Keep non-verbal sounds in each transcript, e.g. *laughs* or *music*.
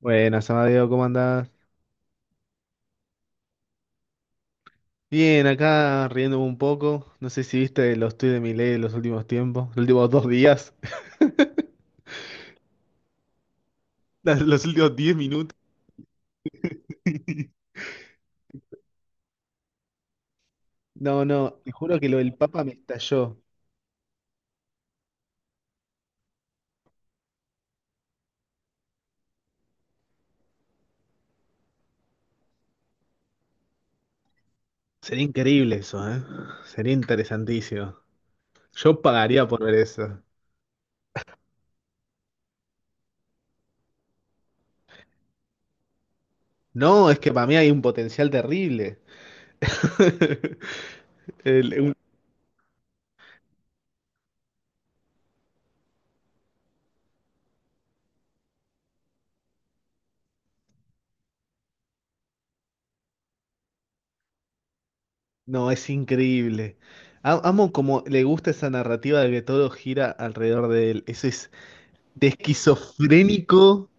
Buenas, Amadeo, ¿cómo andás? Bien, acá riéndome un poco. No sé si viste los tweets de Milei en los últimos tiempos, los últimos dos días, *laughs* los últimos diez minutos. *laughs* No, no, te juro que lo del Papa me estalló. Sería increíble eso, ¿eh? Sería interesantísimo. Yo pagaría por ver eso. No, es que para mí hay un potencial terrible. *laughs* El- un- no, es increíble. Amo como le gusta esa narrativa de que todo gira alrededor de él. Eso es de esquizofrénico,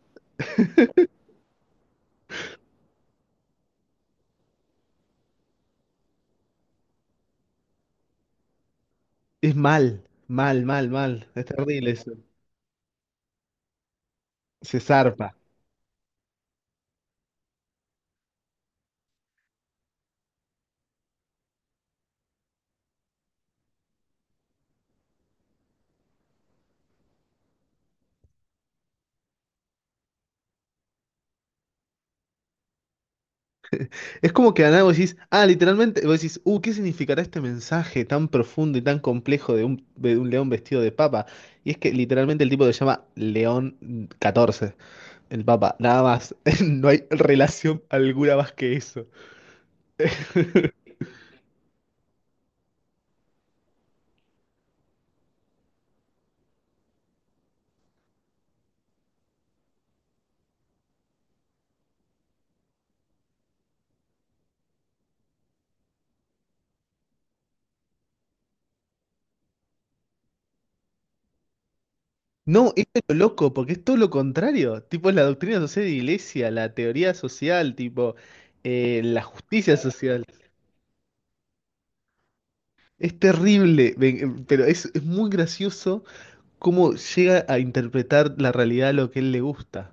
es mal, mal, mal, mal. Es terrible eso. Se zarpa. Es como que de la nada vos decís, ah, literalmente, vos decís, ¿qué significará este mensaje tan profundo y tan complejo de un león vestido de papa? Y es que literalmente el tipo se llama León catorce, el papa, nada más. *laughs* No hay relación alguna más que eso. *laughs* No, esto es lo loco, porque es todo lo contrario. Tipo, es la doctrina social de iglesia, la teoría social, tipo, la justicia social. Es terrible, pero es muy gracioso cómo llega a interpretar la realidad a lo que él le gusta.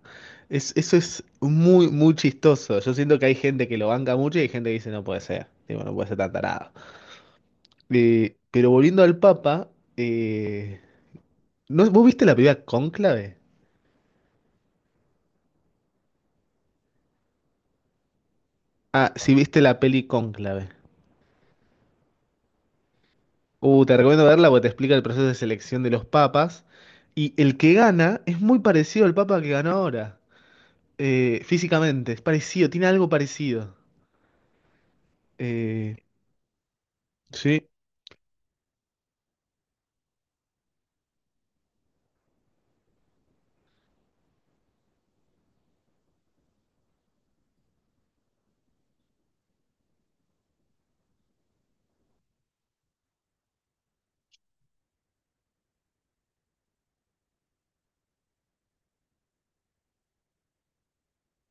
Es, eso es muy, muy chistoso. Yo siento que hay gente que lo banca mucho y hay gente que dice no puede ser. Tipo, no puede ser tan tarado. Pero volviendo al Papa, eh, ¿no, ¿vos viste la película Cónclave? Ah, sí, viste la peli Cónclave. Te recomiendo verla porque te explica el proceso de selección de los papas. Y el que gana es muy parecido al papa que ganó ahora. Eh, físicamente, es parecido, tiene algo parecido. Eh, Sí.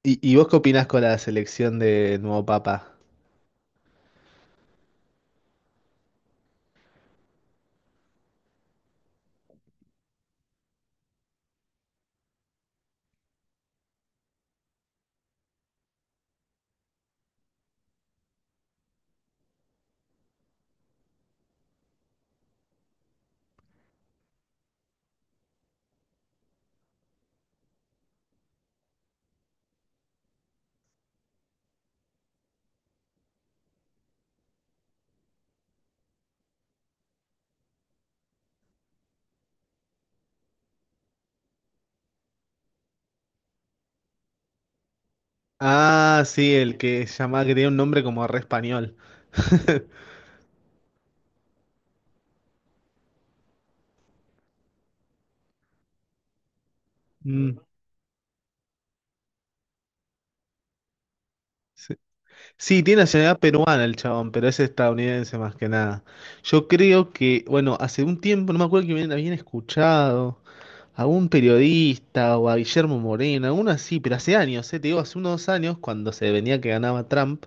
Y vos qué opinás con la selección de nuevo papa? Ah, sí, el que se llamaba, que tenía un nombre como re español. *laughs* Mm, sí. Sí, tiene nacionalidad peruana el chabón, pero es estadounidense más que nada. Yo creo que, bueno, hace un tiempo, no me acuerdo que habían escuchado a un periodista o a Guillermo Moreno, alguno así, pero hace años, te digo, hace unos años, cuando se venía que ganaba Trump,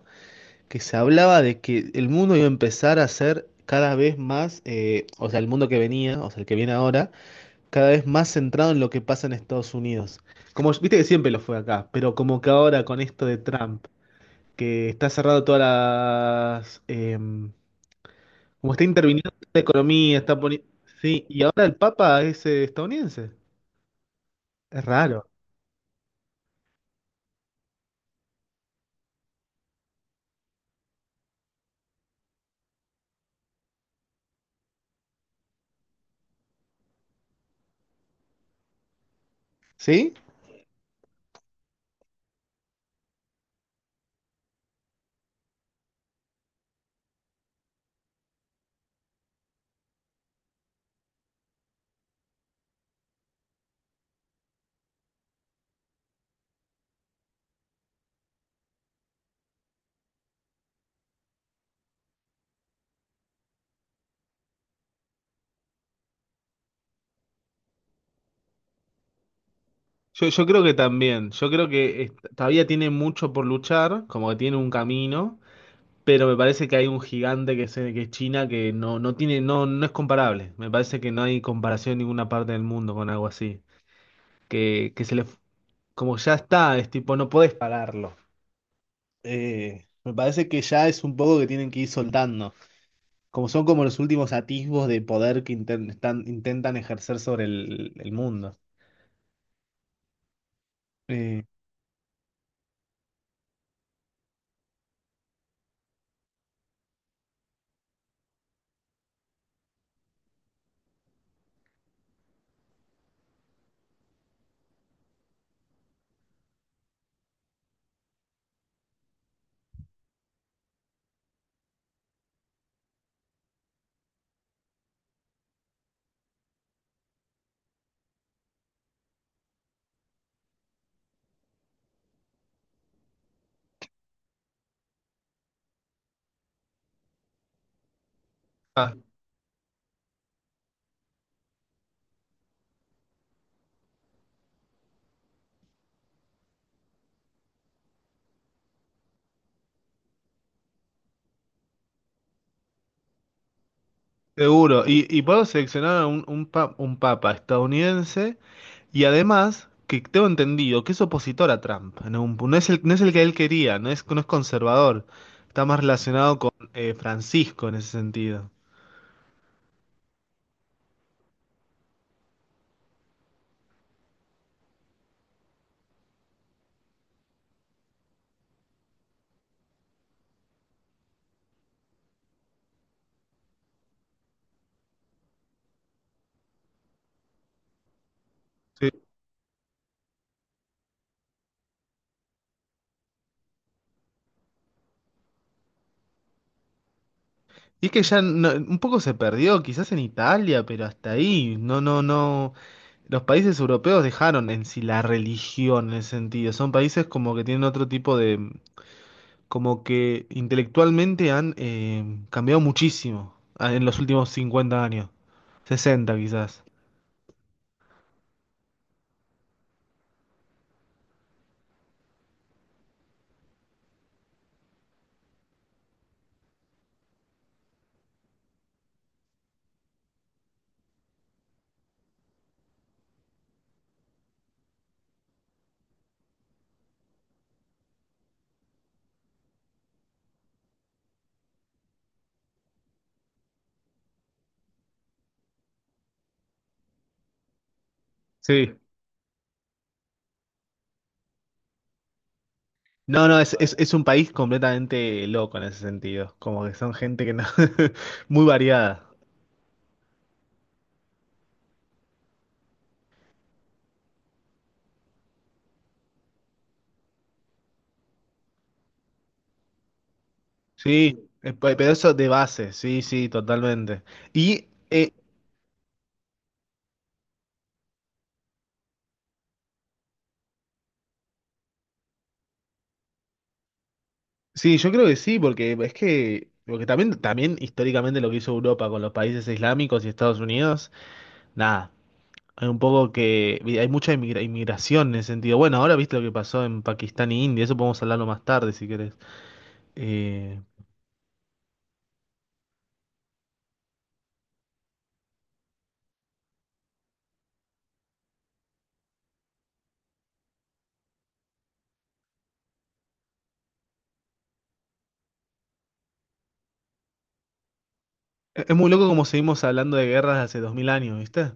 que se hablaba de que el mundo iba a empezar a ser cada vez más, o sea, el mundo que venía, o sea, el que viene ahora, cada vez más centrado en lo que pasa en Estados Unidos. Como viste que siempre lo fue acá, pero como que ahora con esto de Trump, que está cerrado todas las... como está interviniendo en la economía, está poniendo... Sí, y ahora el Papa es estadounidense. Es raro. ¿Sí? Yo creo que también. Yo creo que todavía tiene mucho por luchar, como que tiene un camino. Pero me parece que hay un gigante que es China que no, no tiene, no, no es comparable. Me parece que no hay comparación en ninguna parte del mundo con algo así. Que se le, como ya está, es tipo, no podés pararlo. Me parece que ya es un poco que tienen que ir soltando. Como son como los últimos atisbos de poder que intentan ejercer sobre el mundo. Eh, Seguro, y puedo seleccionar a un papa estadounidense y además que tengo entendido que es opositor a Trump, en no, es el, no es el que él quería, no es, no es conservador, está más relacionado con Francisco en ese sentido. Sí. Y es que ya un poco se perdió, quizás en Italia, pero hasta ahí, no, no, no, los países europeos dejaron en sí la religión en ese sentido, son países como que tienen otro tipo de... Como que intelectualmente han cambiado muchísimo ah, en los últimos 50 años, 60 quizás. Sí. No, no, es un país completamente loco en ese sentido, como que son gente que no, *laughs* muy variada. Sí, pero eso de base, sí, sí, totalmente. Y sí, yo creo que sí, porque es que, porque también, también históricamente lo que hizo Europa con los países islámicos y Estados Unidos, nada. Hay un poco que hay mucha inmigración en ese sentido. Bueno, ahora viste lo que pasó en Pakistán y India, eso podemos hablarlo más tarde si querés. Eh, es muy loco como seguimos hablando de guerras de hace dos mil años, ¿viste?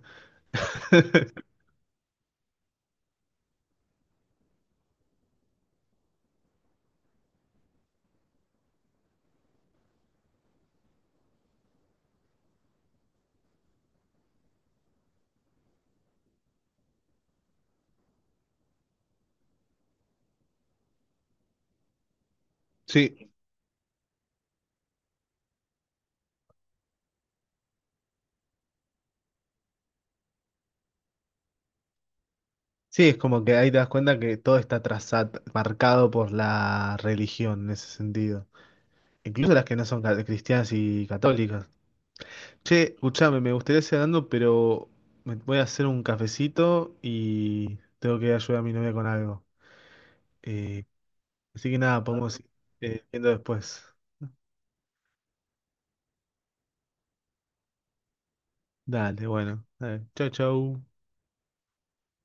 Sí, sí, es como que ahí te das cuenta que todo está trazado, marcado por la religión en ese sentido. Incluso las que no son cristianas y católicas. Che, escuchame, me gustaría seguir hablando, pero me voy a hacer un cafecito y tengo que ayudar a mi novia con algo. Eh, Así que nada, podemos ir viendo después. Dale, bueno. Dale. Chau, chau.